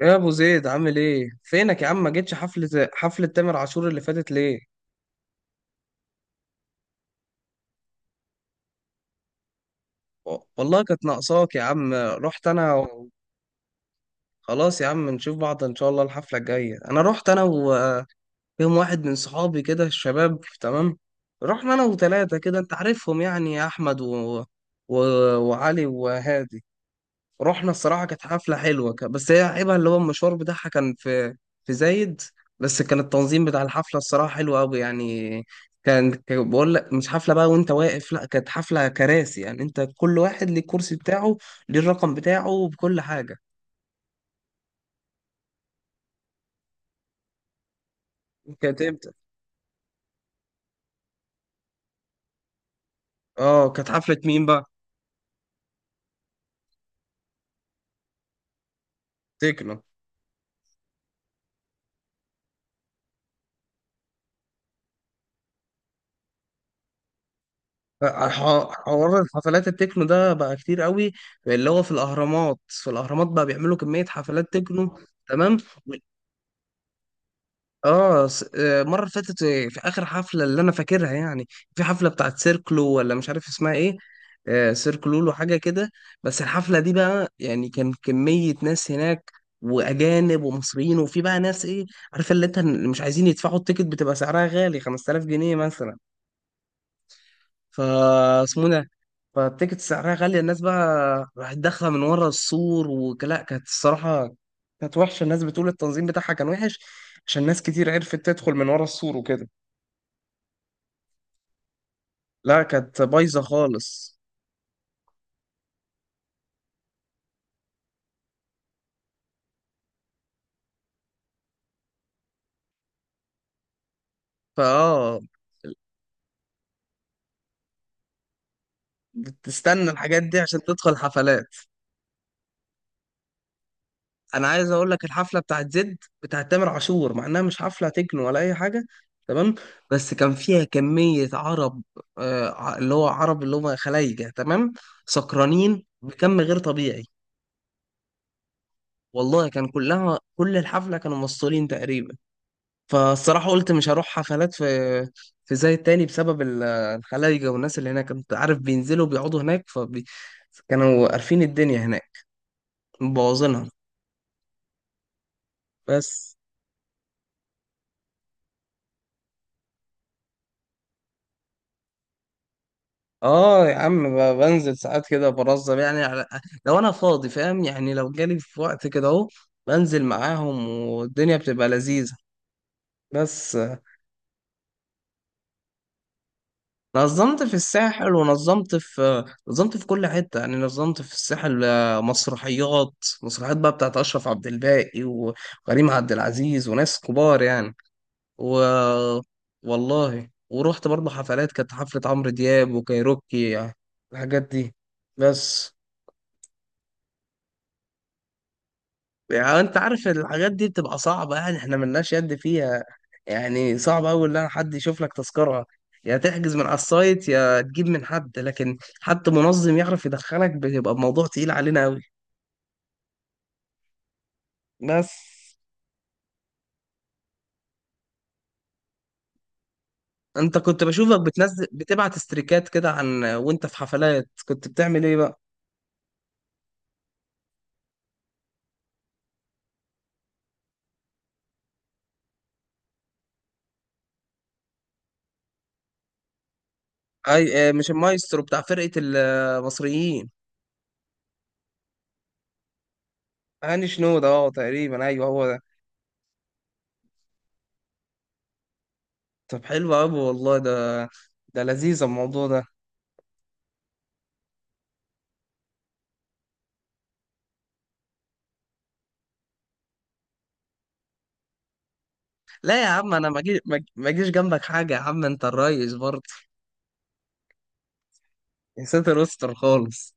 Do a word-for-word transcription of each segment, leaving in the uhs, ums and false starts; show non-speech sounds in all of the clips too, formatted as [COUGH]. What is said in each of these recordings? يا ابو زيد، عامل ايه؟ فينك يا عم؟ ما جيتش حفله حفله تامر عاشور اللي فاتت ليه؟ و- والله كانت ناقصاك يا عم. رحت انا و... خلاص يا عم، نشوف بعض ان شاء الله الحفله الجايه. انا رحت، انا ويوم واحد من صحابي كده، الشباب تمام. رحنا انا وثلاثه كده، انت عارفهم يعني: يا احمد و... و... وعلي وهادي. رحنا، الصراحة كانت حفلة حلوة، ك- بس هي عيبها اللي هو المشوار بتاعها كان في في زايد. بس كان التنظيم بتاع الحفلة الصراحة حلو أوي يعني. كان كان بقول لك مش حفلة بقى وأنت واقف، لأ كانت حفلة كراسي يعني، أنت كل واحد ليه الكرسي بتاعه، ليه الرقم بتاعه، بكل حاجة. كانت إمتى؟ أه، كانت حفلة مين بقى؟ تكنو. ح- حوار الحفلات التكنو ده بقى كتير قوي، اللي هو في الأهرامات. في الأهرامات بقى بيعملوا كمية حفلات تكنو، تمام. اه، س- آه، المره اللي فاتت، آه، في اخر حفله اللي انا فاكرها يعني، في حفله بتاعت سيركلو، ولا مش عارف اسمها ايه. آه، سيركلو لو حاجه كده. بس الحفله دي بقى يعني، كان كميه ناس هناك، واجانب ومصريين، وفي بقى ناس، ايه عارفه، اللي انت مش عايزين يدفعوا التيكت، بتبقى سعرها غالي، خمس تلاف جنيه مثلا. فاسمه ده. فالتيكت سعرها غالية، الناس بقى راحت داخلة من ورا السور، ولا كانت، الصراحة كانت وحشة. الناس بتقول التنظيم بتاعها كان وحش، عشان ناس كتير عرفت تدخل من ورا السور وكده. لا، كانت بايظة خالص. فاه، بتستنى الحاجات دي عشان تدخل حفلات. انا عايز اقول لك الحفله بتاعت زد، بتاعت تامر عاشور، مع انها مش حفله تكنو ولا اي حاجه، تمام، بس كان فيها كميه عرب. آه ع- اللي هو عرب، اللي هم خلايجه تمام، سكرانين بكم غير طبيعي. والله كان كلها كل الحفله كانوا مسطولين تقريبا. فالصراحه قلت مش هروح حفلات في في زي التاني، بسبب ال- الخلايجه والناس اللي هناك. انت عارف، بينزلوا بيقعدوا هناك، فكانوا قارفين الدنيا هناك، مبوظينها. بس. اه يا عم، ب- بنزل ساعات كده برزم يعني، على لو انا فاضي، فاهم يعني؟ لو جالي في وقت كده اهو، بنزل معاهم والدنيا بتبقى لذيذة. بس آه، نظمت في الساحل، ونظمت في آه، نظمت في كل حتة يعني، نظمت في الساحل. آه، مسرحيات، مسرحيات بقى بتاعت أشرف عبد الباقي وكريم عبد العزيز وناس كبار يعني. و والله، ورحت برضه حفلات، كانت حفلة عمرو دياب وكايروكي يعني، الحاجات دي. بس. يعني انت عارف الحاجات دي بتبقى صعبة يعني، احنا ملناش يد فيها، يعني صعب اوي ان حد يشوف لك تذكرة. يا تحجز من على السايت، يا تجيب من حد، لكن حتى منظم يعرف يدخلك بيبقى الموضوع تقيل علينا اوي. بس. انت كنت بشوفك بتنزل، بتبعت استريكات كده، عن وانت في حفلات كنت بتعمل ايه بقى؟ اي اه، مش المايسترو بتاع فرقة المصريين؟ هاني شنودة، اه تقريبا ايوه هو ده. طب حلو اوي والله ده، ده لذيذ الموضوع ده. لا يا عم، انا ما اجي- ما اجي- ما اجيش جنبك حاجه يا عم، انت الريس برضه. يا ساتر، استر خالص.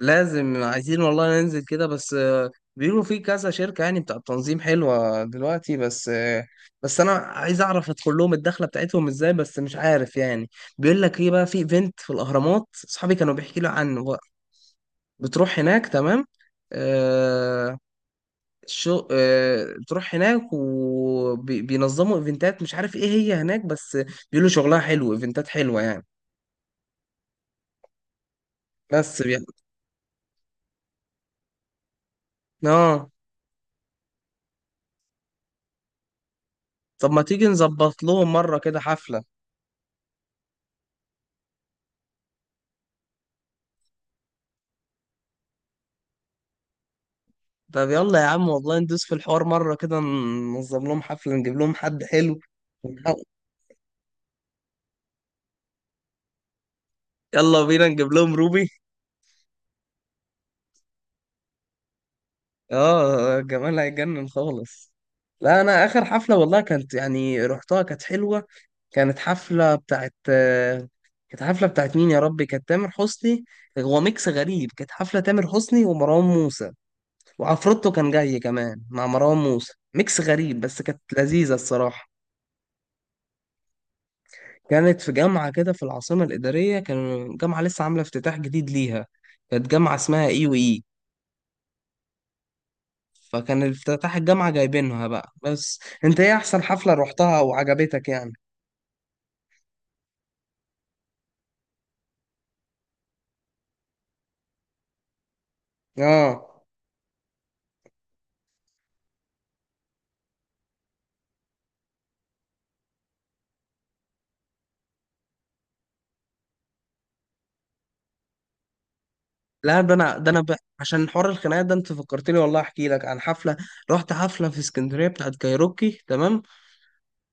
لازم عايزين، والله ننزل كده، بس آه، بيقولوا في كذا شركه يعني بتاع التنظيم حلوه دلوقتي، بس آه، بس انا عايز اعرف ادخل لهم الدخله بتاعتهم ازاي، بس مش عارف يعني. بيقول لك ايه بقى، في ايفنت في الاهرامات، اصحابي كانوا بيحكي لي عنه بقى، بتروح هناك تمام. آه. شو آه، تروح هناك وبينظموا ايفنتات، مش عارف ايه هي هناك، بس بيقولوا شغلها حلو، ايفنتات حلوة يعني. بس بي... اه، طب ما تيجي نظبط لهم مرة كده حفلة. طب يلا يا عم، والله ندوس في الحوار مرة كده، ننظم لهم حفلة، نجيب لهم حد حلو [LAUGHS] ونحاول- يلا بينا نجيب لهم روبي. اه، جمال هيجنن خالص. لا، انا اخر حفلة والله كانت يعني رحتها، كانت حلوة. كانت حفلة بتاعت آه، كانت حفلة بتاعت مين يا ربي؟ كانت تامر حسني. هو ميكس غريب، كانت حفلة تامر حسني ومروان موسى، وعفروتو كان جاي كمان مع مروان موسى، ميكس غريب بس كانت لذيذة الصراحة. كانت في جامعة كده في العاصمة الإدارية، كان جامعة لسه عاملة افتتاح جديد ليها. كانت جامعة اسمها اي وإي، فكان افتتاح الجامعة جايبينها بقى. بس انت، ايه احسن حفلة روحتها وعجبتك يعني؟ اه، لا ده انا ده انا ب... عشان حوار الخناقات ده، انت فكرتني والله احكي لك عن حفله. رحت حفله في اسكندريه بتاعت كايروكي، تمام،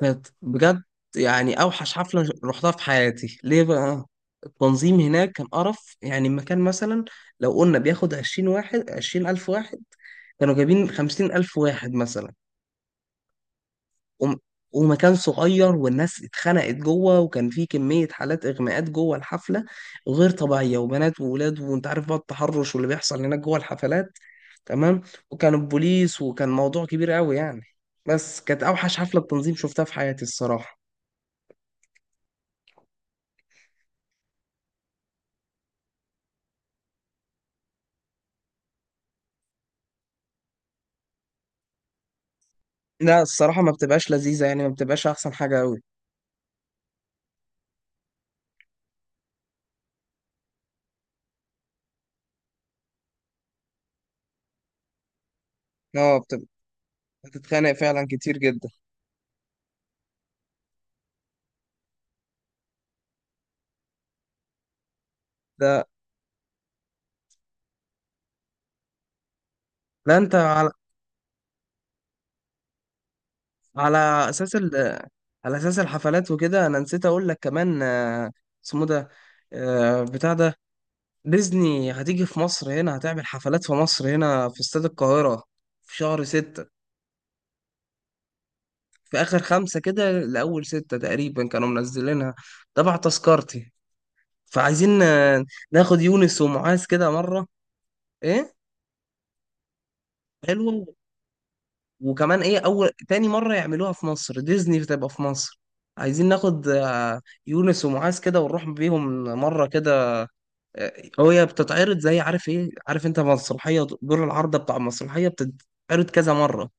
كانت بجد يعني اوحش حفله رحتها في حياتي. ليه بقى؟ التنظيم هناك كان قرف. يعني المكان مثلا، لو قلنا بياخد عشرين واحد، عشرين الف واحد كانوا جايبين، خمسين الف واحد مثلا. وم... ومكان صغير، والناس اتخنقت جوه، وكان في كمية حالات إغماءات جوه الحفلة غير طبيعية، وبنات وولاد وانت عارف بقى التحرش واللي بيحصل هناك جوه الحفلات، تمام. وكان البوليس، وكان موضوع كبير قوي يعني. بس كانت اوحش حفلة تنظيم شفتها في حياتي الصراحة. لا، الصراحة ما بتبقاش لذيذة يعني، ما بتبقاش احسن حاجة قوي. اه. بتبقى بتتخانق فعلا كتير جدا. ده، لا انت على، على اساس ال... على اساس الحفلات وكده، انا نسيت اقول لك كمان. آه، اسمه ده، آه، بتاع ده: ديزني هتيجي في مصر هنا، هتعمل حفلات في مصر هنا في استاد القاهرة في شهر ستة. في آخر خمسة كده لأول ستة تقريبا كانوا منزلينها، تبع تذكرتي. فعايزين آه، ناخد يونس ومعاذ كده مرة. إيه، حلوة. وكمان إيه، أول تاني مرة يعملوها في مصر، ديزني بتبقى في مصر. عايزين ناخد آه، يونس ومعاذ كده، ونروح بيهم مرة كده. آه. هي بتتعرض، زي عارف إيه، عارف أنت مسرحية دور العارضة، بتاع المسرحية بتتعرض كذا مرة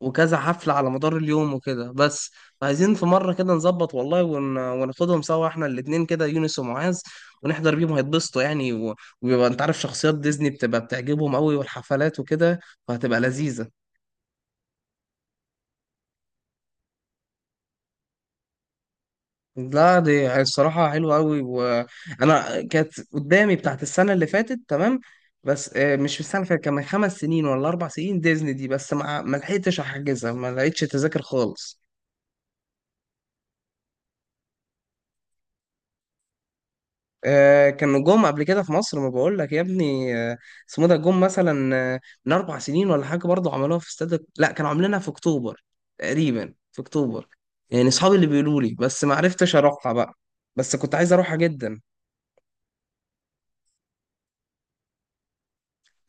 وكذا حفلة على مدار اليوم وكده. بس عايزين في مرة كده نظبط والله، ون... وناخدهم سوا احنا الاتنين كده، يونس ومعاذ، ونحضر بيهم هيتبسطوا يعني. و... ويبقى انت عارف، شخصيات ديزني بتبقى بتعجبهم قوي، والحفلات وكده، فهتبقى لذيذة. لا، دي الصراحة حلوة قوي، وانا كانت قدامي بتاعت السنة اللي فاتت، تمام، بس آه، مش في السنة اللي فاتت، كان من خمس سنين ولا أربع سنين ديزني دي، بس ما ما لحقتش أحجزها، ما لقيتش تذاكر خالص. آه، كانوا جم قبل كده في مصر، ما بقول لك يا ابني. آه، اسمه ده، جم مثلا آه، من اربع سنين ولا حاجه برضه، عملوها في استاد. لا، كانوا عاملينها في اكتوبر، تقريبا في اكتوبر يعني، اصحابي اللي بيقولوا لي، بس ما عرفتش اروحها بقى، بس كنت عايز اروحها جدا.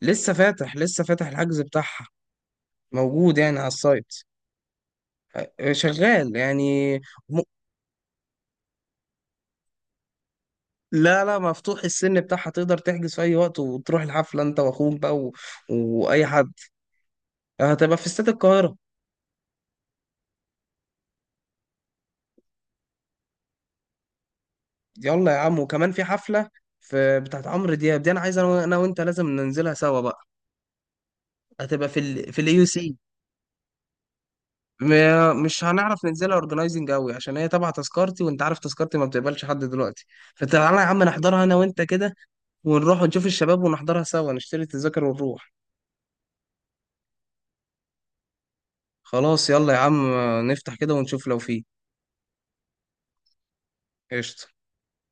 لسه فاتح، لسه فاتح الحجز بتاعها موجود يعني على السايت. آه، شغال يعني. م... لا لا، مفتوح. السن بتاعها تقدر تحجز في اي وقت، وتروح الحفله انت واخوك بقى و... واي حد. هتبقى في استاد القاهره. يلا يا عم، وكمان في حفلة، في بتاعت عمرو دياب دي، انا عايز انا أنا وانت لازم ننزلها سوا بقى. هتبقى في ال... في اليو سي. مش هنعرف ننزلها اورجنايزنج قوي، عشان هي تبع تذكرتي، وانت عارف تذكرتي ما بتقبلش حد دلوقتي. فتعالى يا عم نحضرها انا وانت كده، ونروح ونشوف الشباب، ونحضرها سوا، نشتري التذاكر ونروح. خلاص يلا يا عم، نفتح كده ونشوف لو فيه. قشطة.